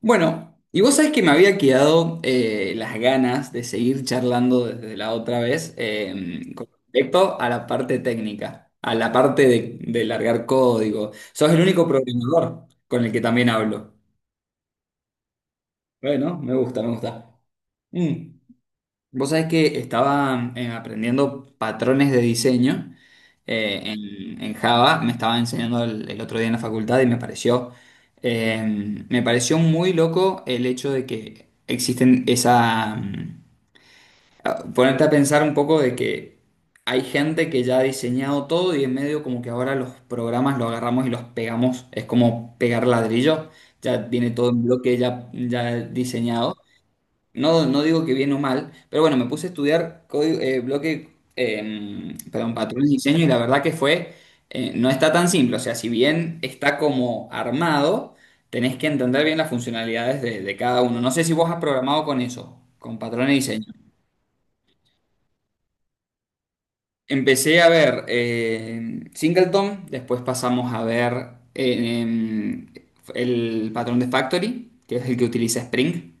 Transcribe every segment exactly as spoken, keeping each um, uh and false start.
Bueno, y vos sabés que me había quedado eh, las ganas de seguir charlando desde la otra vez eh, con respecto a la parte técnica, a la parte de, de largar código. Sos el único programador con el que también hablo. Bueno, me gusta, me gusta. Mm. Vos sabés que estaba eh, aprendiendo patrones de diseño eh, en, en Java, me estaba enseñando el, el otro día en la facultad y me pareció, eh, me pareció muy loco el hecho de que existen esa... mm, ah, Ponerte a pensar un poco de que hay gente que ya ha diseñado todo y en medio como que ahora los programas los agarramos y los pegamos, es como pegar ladrillo, ya viene todo en bloque ya, ya diseñado. No, no digo que bien o mal, pero bueno, me puse a estudiar código, eh, bloque, eh, perdón, patrones de diseño y la verdad que fue, eh, no está tan simple, o sea, si bien está como armado, tenés que entender bien las funcionalidades de, de cada uno. No sé si vos has programado con eso, con patrones de diseño. Empecé a ver eh, Singleton, después pasamos a ver eh, em, el patrón de Factory, que es el que utiliza Spring.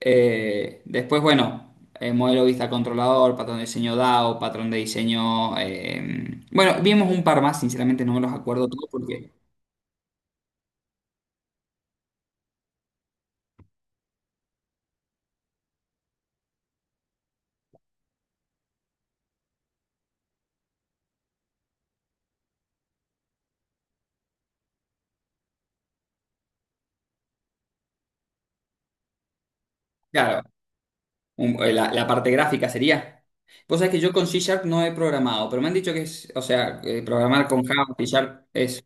Eh, después, bueno, eh, modelo vista controlador, patrón de diseño D A O, patrón de diseño. eh, Bueno, vimos un par más, sinceramente no me los acuerdo todos porque, claro, un- eh, la, la parte gráfica sería. Vos sabés que yo con C Sharp no he programado, pero me han dicho que es, o sea, eh, programar con Java, C Sharp es.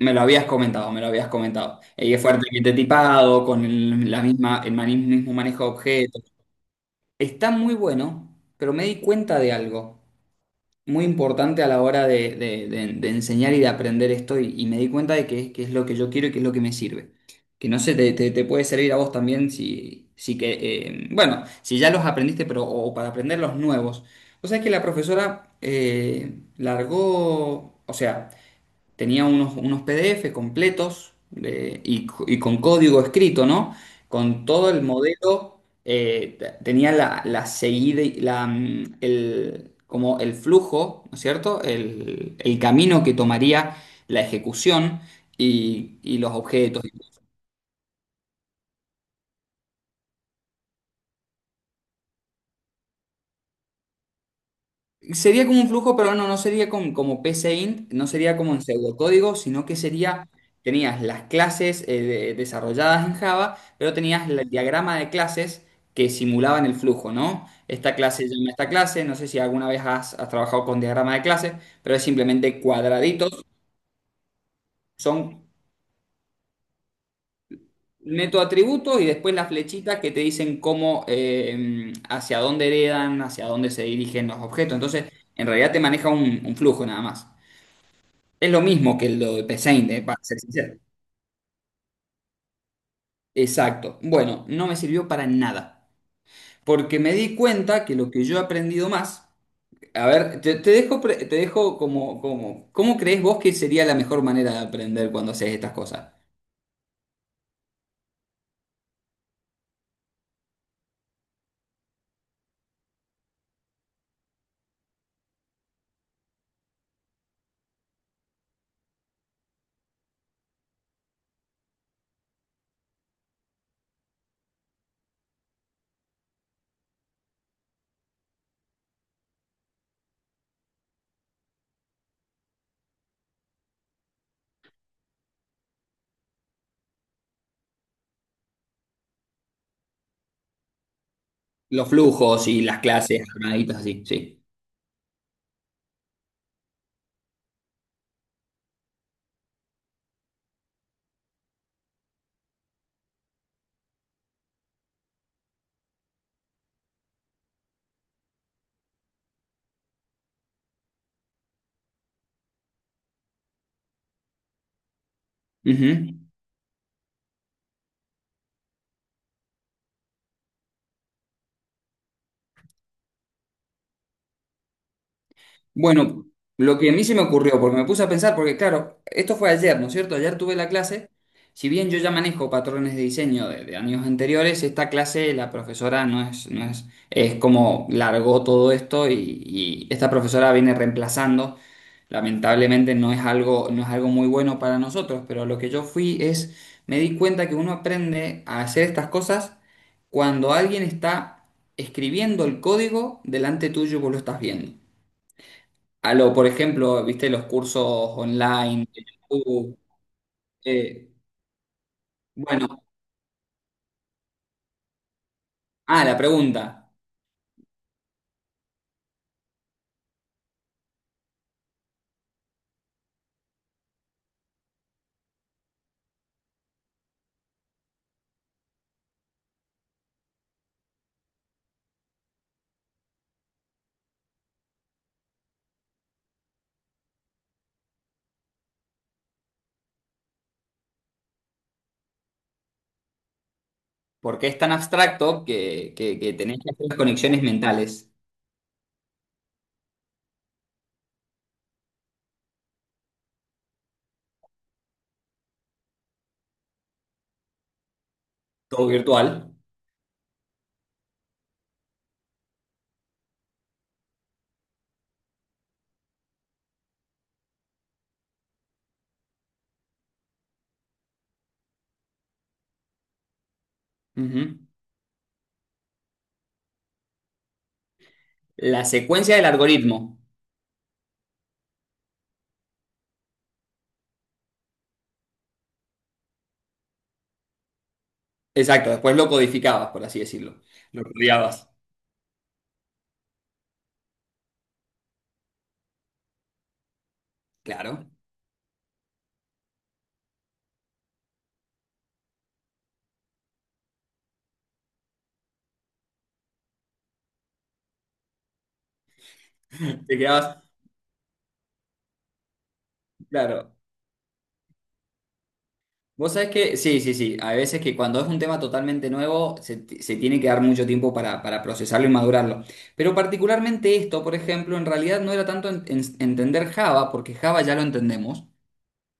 Me lo habías comentado, me lo habías comentado. Eh, Y es fuertemente tipado, con el- la misma, el mani- mismo manejo de objetos. Está muy bueno, pero me di cuenta de algo muy importante a la hora de, de- de- de enseñar y de aprender esto y, y me di cuenta de que es que es lo que yo quiero y que es lo que me sirve. Que no sé, te, te- te puede servir a vos también si, si que, eh, bueno, si ya los aprendiste, pero o para aprender los nuevos. O sea, que la profesora eh, largó, o sea, tenía unos, unos P D F completos de- y, co- y con código escrito, ¿no? Con todo el modelo, eh, t- tenía la, la seguida, y la, mm, el, como el flujo, ¿no es cierto? El, el camino que tomaría la ejecución y, y los objetos. Sería como un flujo, pero no, no sería com- como PCInt, no sería como en pseudocódigo, sino que sería, tenías las clases eh, de- desarrolladas en Java, pero tenías la- el diagrama de clases que simulaban el flujo, ¿no? Esta clase llama a esta clase, no sé si alguna vez has, has trabajado con diagrama de clases, pero es simplemente cuadraditos, son neto atributos y después las flechitas que te dicen cómo, eh, hacia dónde heredan, hacia dónde se dirigen los objetos. Entonces, en realidad te maneja un un flujo nada más. Es lo mismo que lo de P. Saint, eh, para ser sincero. Exacto. Bueno, no me sirvió para nada. Porque me di cuenta que lo que yo he aprendido más. A ver, te, te dejo, pre- te dejo como, como. ¿Cómo crees vos que sería la mejor manera de aprender cuando haces estas cosas? Los flujos y las clases armaditas así, sí. Ujú. Bueno, lo que a mí se me ocurrió, porque me puse a pensar, porque claro, esto fue ayer, ¿no es cierto? Ayer tuve la clase, si bien yo ya manejo patrones de diseño de, de años anteriores, esta clase la profesora no es, no es, es como largó todo esto y, y esta profesora viene reemplazando. Lamentablemente no es algo, no es algo muy bueno para nosotros, pero lo que yo fui es, me di cuenta que uno aprende a hacer estas cosas cuando alguien está escribiendo el código delante tuyo y vos lo estás viendo. A lo, por ejemplo, viste los cursos online de YouTube. eh, bueno, ah, la pregunta, ¿por qué es tan abstracto que, que, que tenés que hacer las conexiones mentales? Todo virtual. Ujú. La secuencia del algoritmo. Exacto, después lo codificabas, por así decirlo. Lo rodeabas. Claro. Te quedabas, claro. Vos sabés que, sí, sí, sí, hay veces que cuando es un tema totalmente nuevo se, ti- se tiene que dar mucho tiempo para, para procesarlo y madurarlo. Pero particularmente esto, por ejemplo, en realidad no era tanto en- en- entender Java, porque Java ya lo entendemos,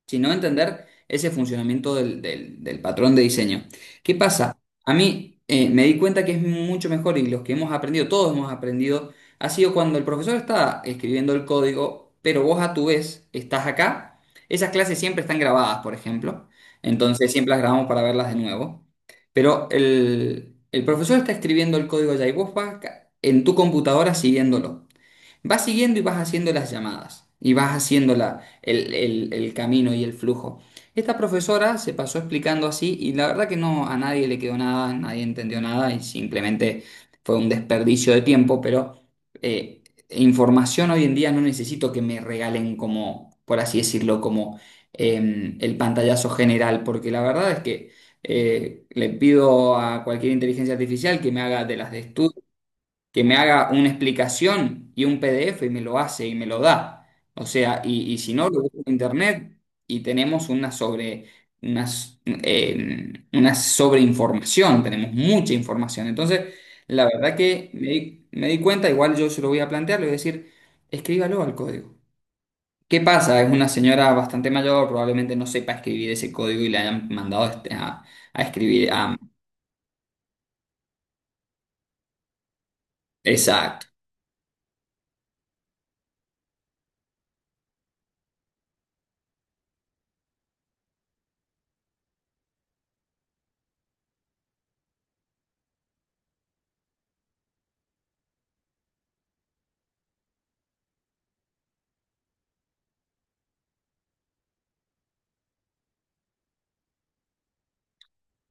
sino entender ese funcionamiento del, del- del patrón de diseño. ¿Qué pasa? A mí eh, me di cuenta que es mucho mejor y los que hemos aprendido, todos hemos aprendido, ha sido cuando el profesor está escribiendo el código, pero vos a tu vez estás acá. Esas clases siempre están grabadas, por ejemplo. Entonces siempre las grabamos para verlas de nuevo. Pero el, el profesor está escribiendo el código allá y vos vas acá en tu computadora siguiéndolo. Vas siguiendo y vas haciendo las llamadas y vas haciendo la- el, el- el camino y el flujo. Esta profesora se pasó explicando así y la verdad que no a nadie le quedó nada, nadie entendió nada y simplemente fue un desperdicio de tiempo, pero eh, información hoy en día no necesito que me regalen como, por así decirlo, como eh, el pantallazo general, porque la verdad es que eh, le pido a cualquier inteligencia artificial que me haga de las de estudio, que me haga una explicación y un P D F y me lo hace y me lo da. O sea, y, y si no, lo busco en internet y tenemos una sobre, una, s- eh, una sobreinformación, tenemos mucha información. Entonces, la verdad que me di, me di cuenta, igual yo se lo voy a plantear, le voy a decir, escríbalo al código. ¿Qué pasa? Es una señora bastante mayor, probablemente no sepa escribir ese código y le hayan mandado este- a, a escribir. a- Exacto,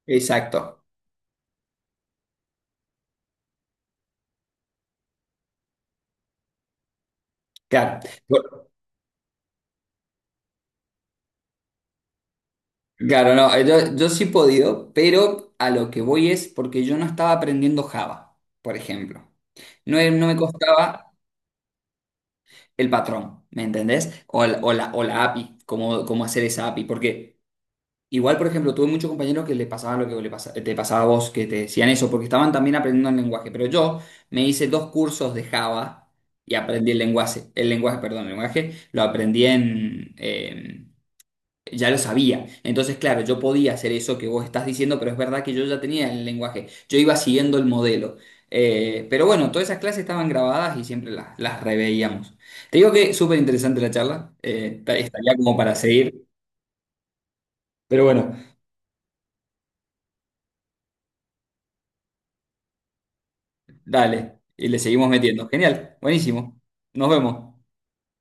exacto. Claro. Claro, no, eh, yo, yo sí he podido, pero a lo que voy es porque yo no estaba aprendiendo Java, por ejemplo. No, eh, no me costaba el patrón, ¿me entendés? O, el- o la, o la A P I, cómo, cómo hacer esa A P I. Porque igual, por ejemplo, tuve muchos compañeros que le pasaba lo que le pasa- te pasaba a vos, que te decían eso, porque estaban también aprendiendo el lenguaje. Pero yo me hice dos cursos de Java y aprendí el lenguaje, el lenguaje, perdón, el lenguaje, lo aprendí en, em, ya lo sabía. Entonces, claro, yo podía hacer eso que vos estás diciendo, pero es verdad que yo ya tenía el lenguaje, yo iba siguiendo el modelo. Eh, pero bueno, todas esas clases estaban grabadas y siempre las, las reveíamos. Te digo que súper interesante la charla, eh, ta- estaría como para seguir, pero bueno, dale, y le seguimos metiendo. Genial, buenísimo. Nos vemos.